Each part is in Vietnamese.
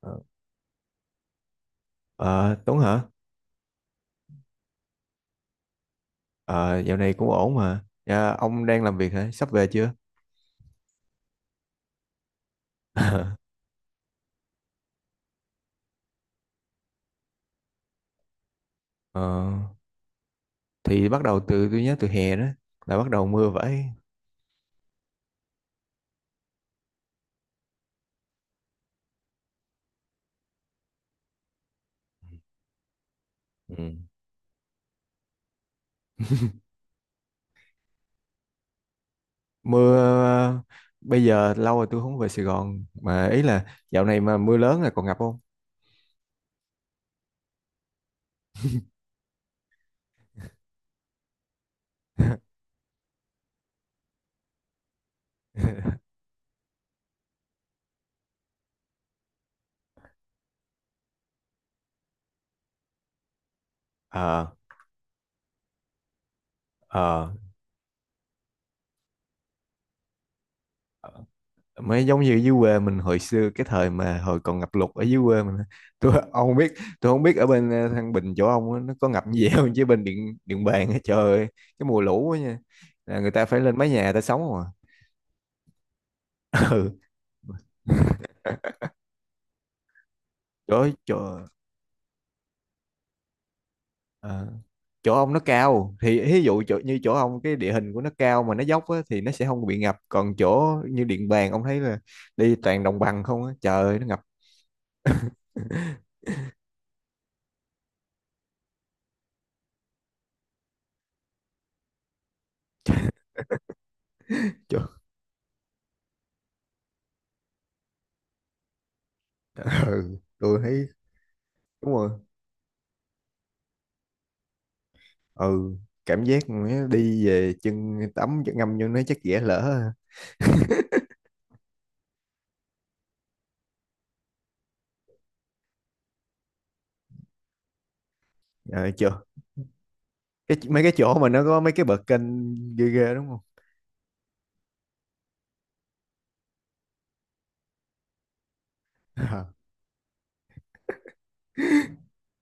Ờ, Ờ, Tuấn hả? Ờ, dạo này cũng ổn mà. Dạ, ông đang làm việc hả? Sắp về chưa? Ờ, thì bắt đầu từ tôi nhớ từ hè đó là bắt đầu mưa vậy. Ừ. Mưa ờ, bây giờ lâu rồi tôi không về Sài Gòn mà ý là dạo này mà mưa lớn là còn ngập không? Ờ, ờ. Mới giống như dưới quê mình hồi xưa cái thời mà hồi còn ngập lụt ở dưới quê mình á. Ông không biết, tôi không biết ở bên Thăng Bình chỗ ông á, nó có ngập như vậy không, chứ bên Điện Điện Bàn á, trời ơi, cái mùa lũ á nha, là người ta phải lên mái nhà người ta sống không à. Ừ. chỗ chỗ ờ, chỗ ông nó cao, thì ví dụ như chỗ ông cái địa hình của nó cao mà nó dốc á, thì nó sẽ không bị ngập, còn chỗ như Điện Bàn ông thấy là đi toàn đồng bằng không á, trời ơi nó ngập. Trời- ừ, tôi thấy đúng rồi. Ừ, cảm giác mà đi về chân tắm chân ngâm vô nó chắc dễ lỡ ha. Ờ, chưa. Mấy cái chỗ mà nó có mấy cái bậc kênh ghê ghê, đúng không? À.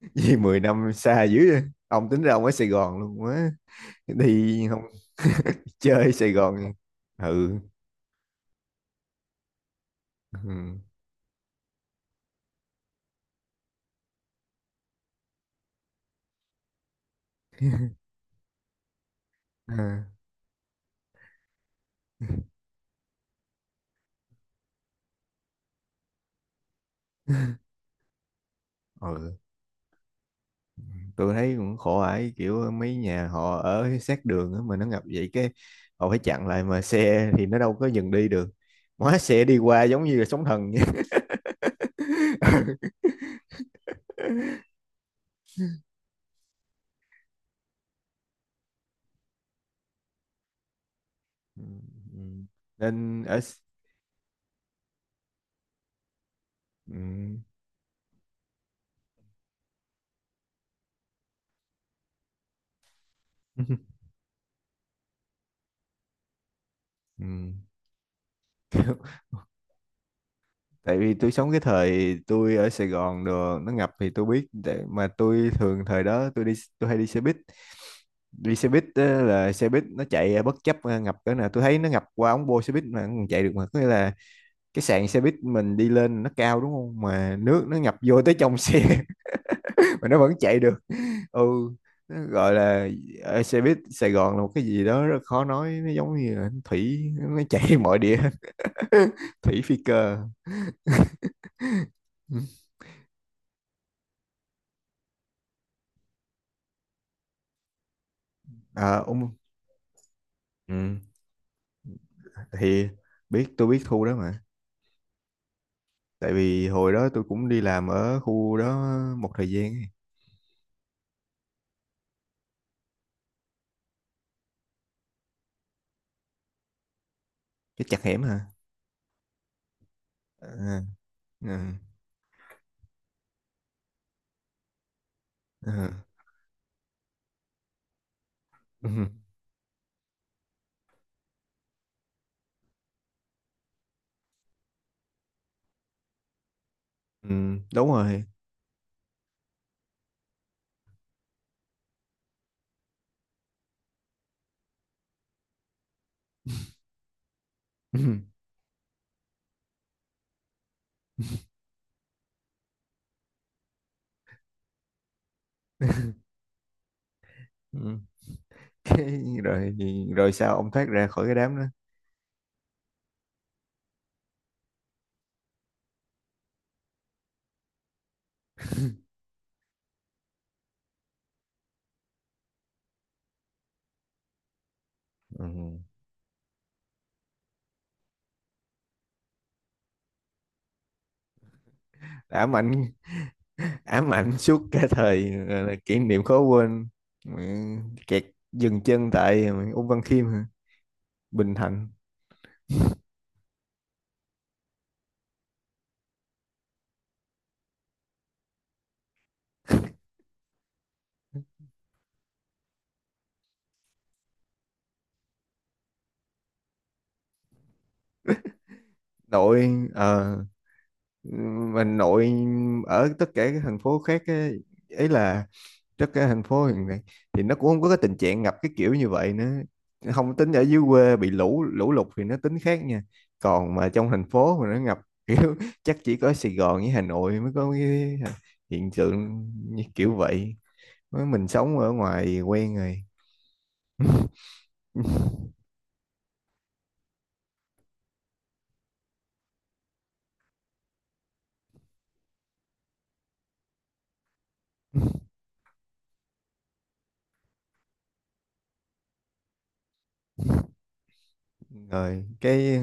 Vì 10 năm xa dữ vậy. Ông tính ra ông ở Sài Gòn luôn quá, đi không? Chơi Sài Gòn. Ừ, ừ. À. Ừ, tôi thấy cũng khổ ải kiểu mấy nhà họ ở sát đường á, mà nó ngập vậy cái họ phải chặn lại, mà xe thì nó đâu có dừng đi được, hóa xe đi qua giống như là sóng thần vậy. Ừ, ừ. nên ở S- ừ. Ừ. Tại vì tôi sống cái thời tôi ở Sài Gòn đồ nó ngập thì tôi biết, để mà tôi thường thời đó tôi hay đi xe buýt. Đi xe buýt á, là xe buýt nó chạy bất chấp à, ngập cỡ nào tôi thấy nó ngập qua ống bô xe buýt mà nó còn chạy được, mà có nghĩa là cái sàn xe buýt mình đi lên nó cao đúng không, mà nước nó ngập vô tới trong xe. Mà nó vẫn chạy được. Ừ. Nó gọi là xe buýt Sài Gòn là một cái gì đó rất khó nói, nó giống như là thủy, nó chảy mọi địa. Thủy phi cơ. À, ông. Ừ, thì tôi biết khu đó mà, tại vì hồi đó tôi cũng đi làm ở khu đó một thời gian ấy. Cái chặt hẻm hả? À, à, à. Ừ. Ừ. Đúng rồi. Ừ. Ừ. Rồi, rồi sao ông thoát ra khỏi cái đám đó? Ừ. Đã mạnh. Ám ảnh suốt cả thời là kỷ niệm khó quên. Mẹ, kẹt, dừng chân tại mẹ, Ung Văn Khiêm hả? Bình Thạnh. Nội ờ Mình nội ở tất cả các thành phố khác á, ấy là tất cả thành phố hiện nay thì nó cũng không có cái tình trạng ngập cái kiểu như vậy nữa, không tính ở dưới quê bị lũ lũ lụt thì nó tính khác nha. Còn mà trong thành phố mà nó ngập kiểu, chắc chỉ có Sài Gòn với Hà Nội mới có cái hiện tượng như kiểu vậy. Mới mình sống ở ngoài quen rồi rồi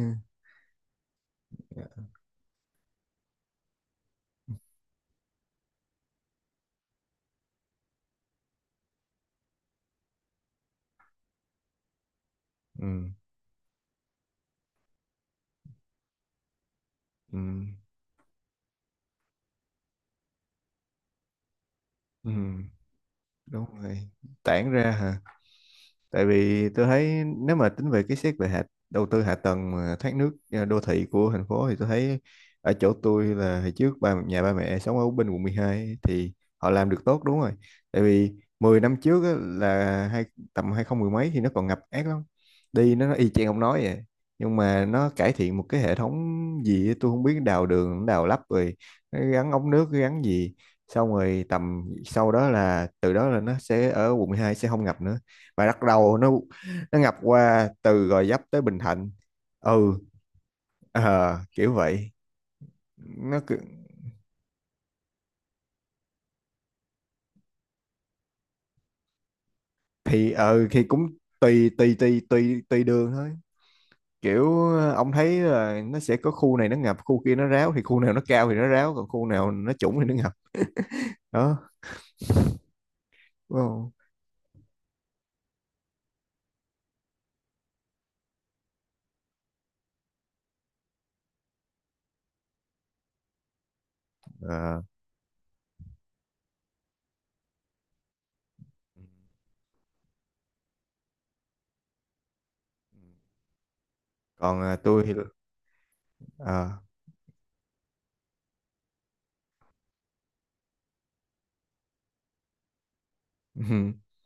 ừ, ừ, ừ, đúng rồi. Tản ra hả? Tại vì tôi thấy nếu mà tính về cái, xét về đầu tư hạ tầng mà thoát nước à, đô thị của thành phố thì tôi thấy ở chỗ tôi là hồi trước ba, nhà ba mẹ sống ở bên quận 12 thì họ làm được tốt đúng rồi, tại vì 10 năm trước á, là tầm 20 mười mấy thì nó còn ngập ác lắm, đi nó y chang ông nói vậy, nhưng mà nó cải thiện một cái hệ thống gì á, tôi không biết đào đường đào lắp rồi nó gắn ống nước gắn gì, xong rồi tầm sau đó là từ đó là nó sẽ ở quận 12 sẽ không ngập nữa, và bắt đầu nó ngập qua từ Gò Vấp tới Bình Thạnh. Ừ. Kiểu vậy. Nó cứ- thì ờ Thì cũng tùy tùy tùy tùy tùy đường thôi, kiểu ông thấy là nó sẽ có khu này nó ngập khu kia nó ráo, thì khu nào nó cao thì nó ráo còn khu nào nó trũng thì nó ngập đó, đúng không? Ờ. Còn tôi thì ờ.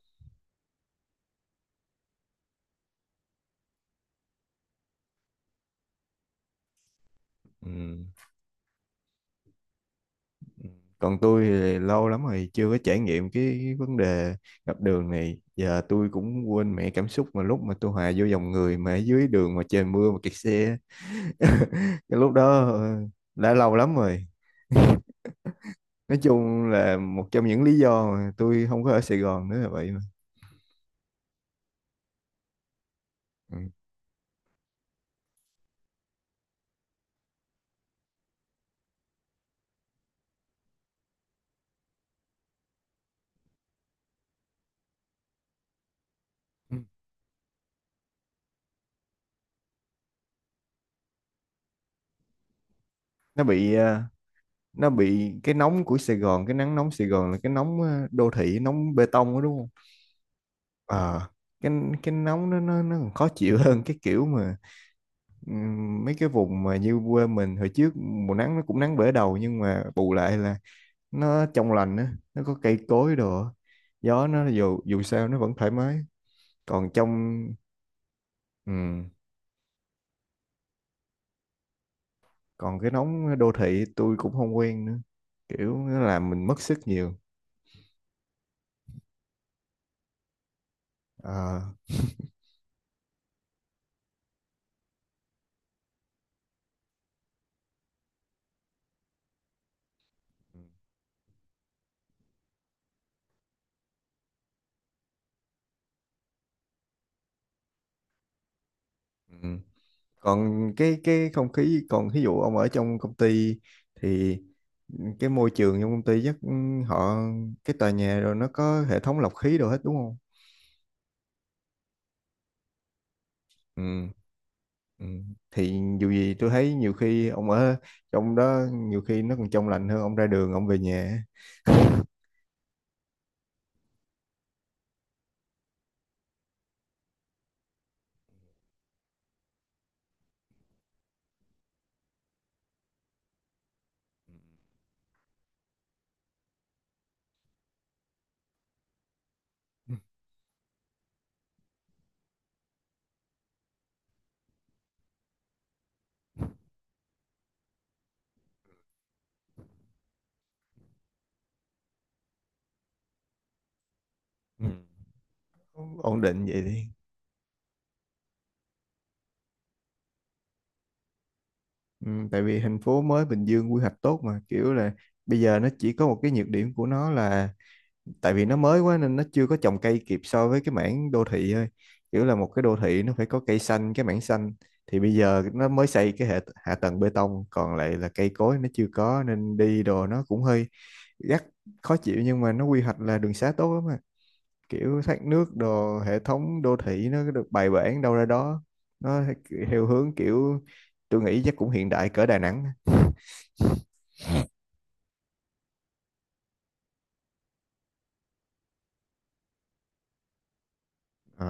Ừ. Còn tôi thì lâu lắm rồi chưa có trải nghiệm cái vấn đề ngập đường này. Giờ tôi cũng quên mẹ cảm xúc mà lúc mà tôi hòa vô dòng người mà ở dưới đường mà trời mưa mà kẹt xe. Cái lúc đó ờ, đã lâu lắm rồi. Nói chung là một trong những lý do mà tôi không có ở Sài Gòn nữa là vậy mà. Ừ. Nó bị ờ, nó bị cái nóng của Sài Gòn, cái nắng nóng Sài Gòn là cái nóng đô thị, nóng bê tông đó đúng không? Ờ, cái cái nóng nó còn khó chịu hơn cái kiểu mà ừm, mấy cái vùng mà như quê mình hồi trước mùa nắng nó cũng nắng bể đầu, nhưng mà bù lại là nó trong lành á, nó có cây cối đồ á. Gió nó dù dù sao nó vẫn thoải mái. còn trong ừm, Còn cái nóng đô thị tôi cũng không quen nữa, kiểu nó làm mình mất sức nhiều. Ờ, ừm. Còn cái không khí, còn ví dụ ông ở trong công ty thì cái môi trường trong công ty chắc họ, cái tòa nhà rồi nó có hệ thống lọc khí đồ hết đúng không? Ừ, ừ. Thì dù gì tôi thấy nhiều khi ông ở trong đó nhiều khi nó còn trong lành hơn ông ra đường ông về nhà. Ừ. Ừ. Ừ, ổn định vậy đi. Ừ, tại vì thành phố mới Bình Dương quy hoạch tốt mà, kiểu là bây giờ nó chỉ có một cái nhược điểm của nó là tại vì nó mới quá nên nó chưa có trồng cây kịp so với cái mảng đô thị thôi, kiểu là một cái đô thị nó phải có cây xanh cái mảng xanh, thì bây giờ nó mới xây cái hạ tầng bê tông còn lại là cây cối nó chưa có nên đi đồ nó cũng hơi gắt, khó chịu, nhưng mà nó quy hoạch là đường xá tốt lắm mà, kiểu thoát nước đồ hệ thống đô thị nó được bài bản đâu ra đó. Nó theo hướng kiểu tôi nghĩ chắc cũng hiện đại cỡ Đà Nẵng. Ờ,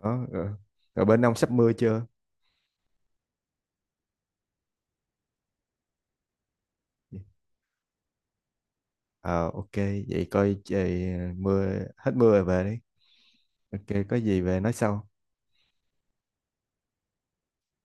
đó, rồi. Rồi bên ông sắp mưa chưa? Ờ ok, vậy coi trời mưa, hết mưa rồi về đi. Ok, có gì về nói sau.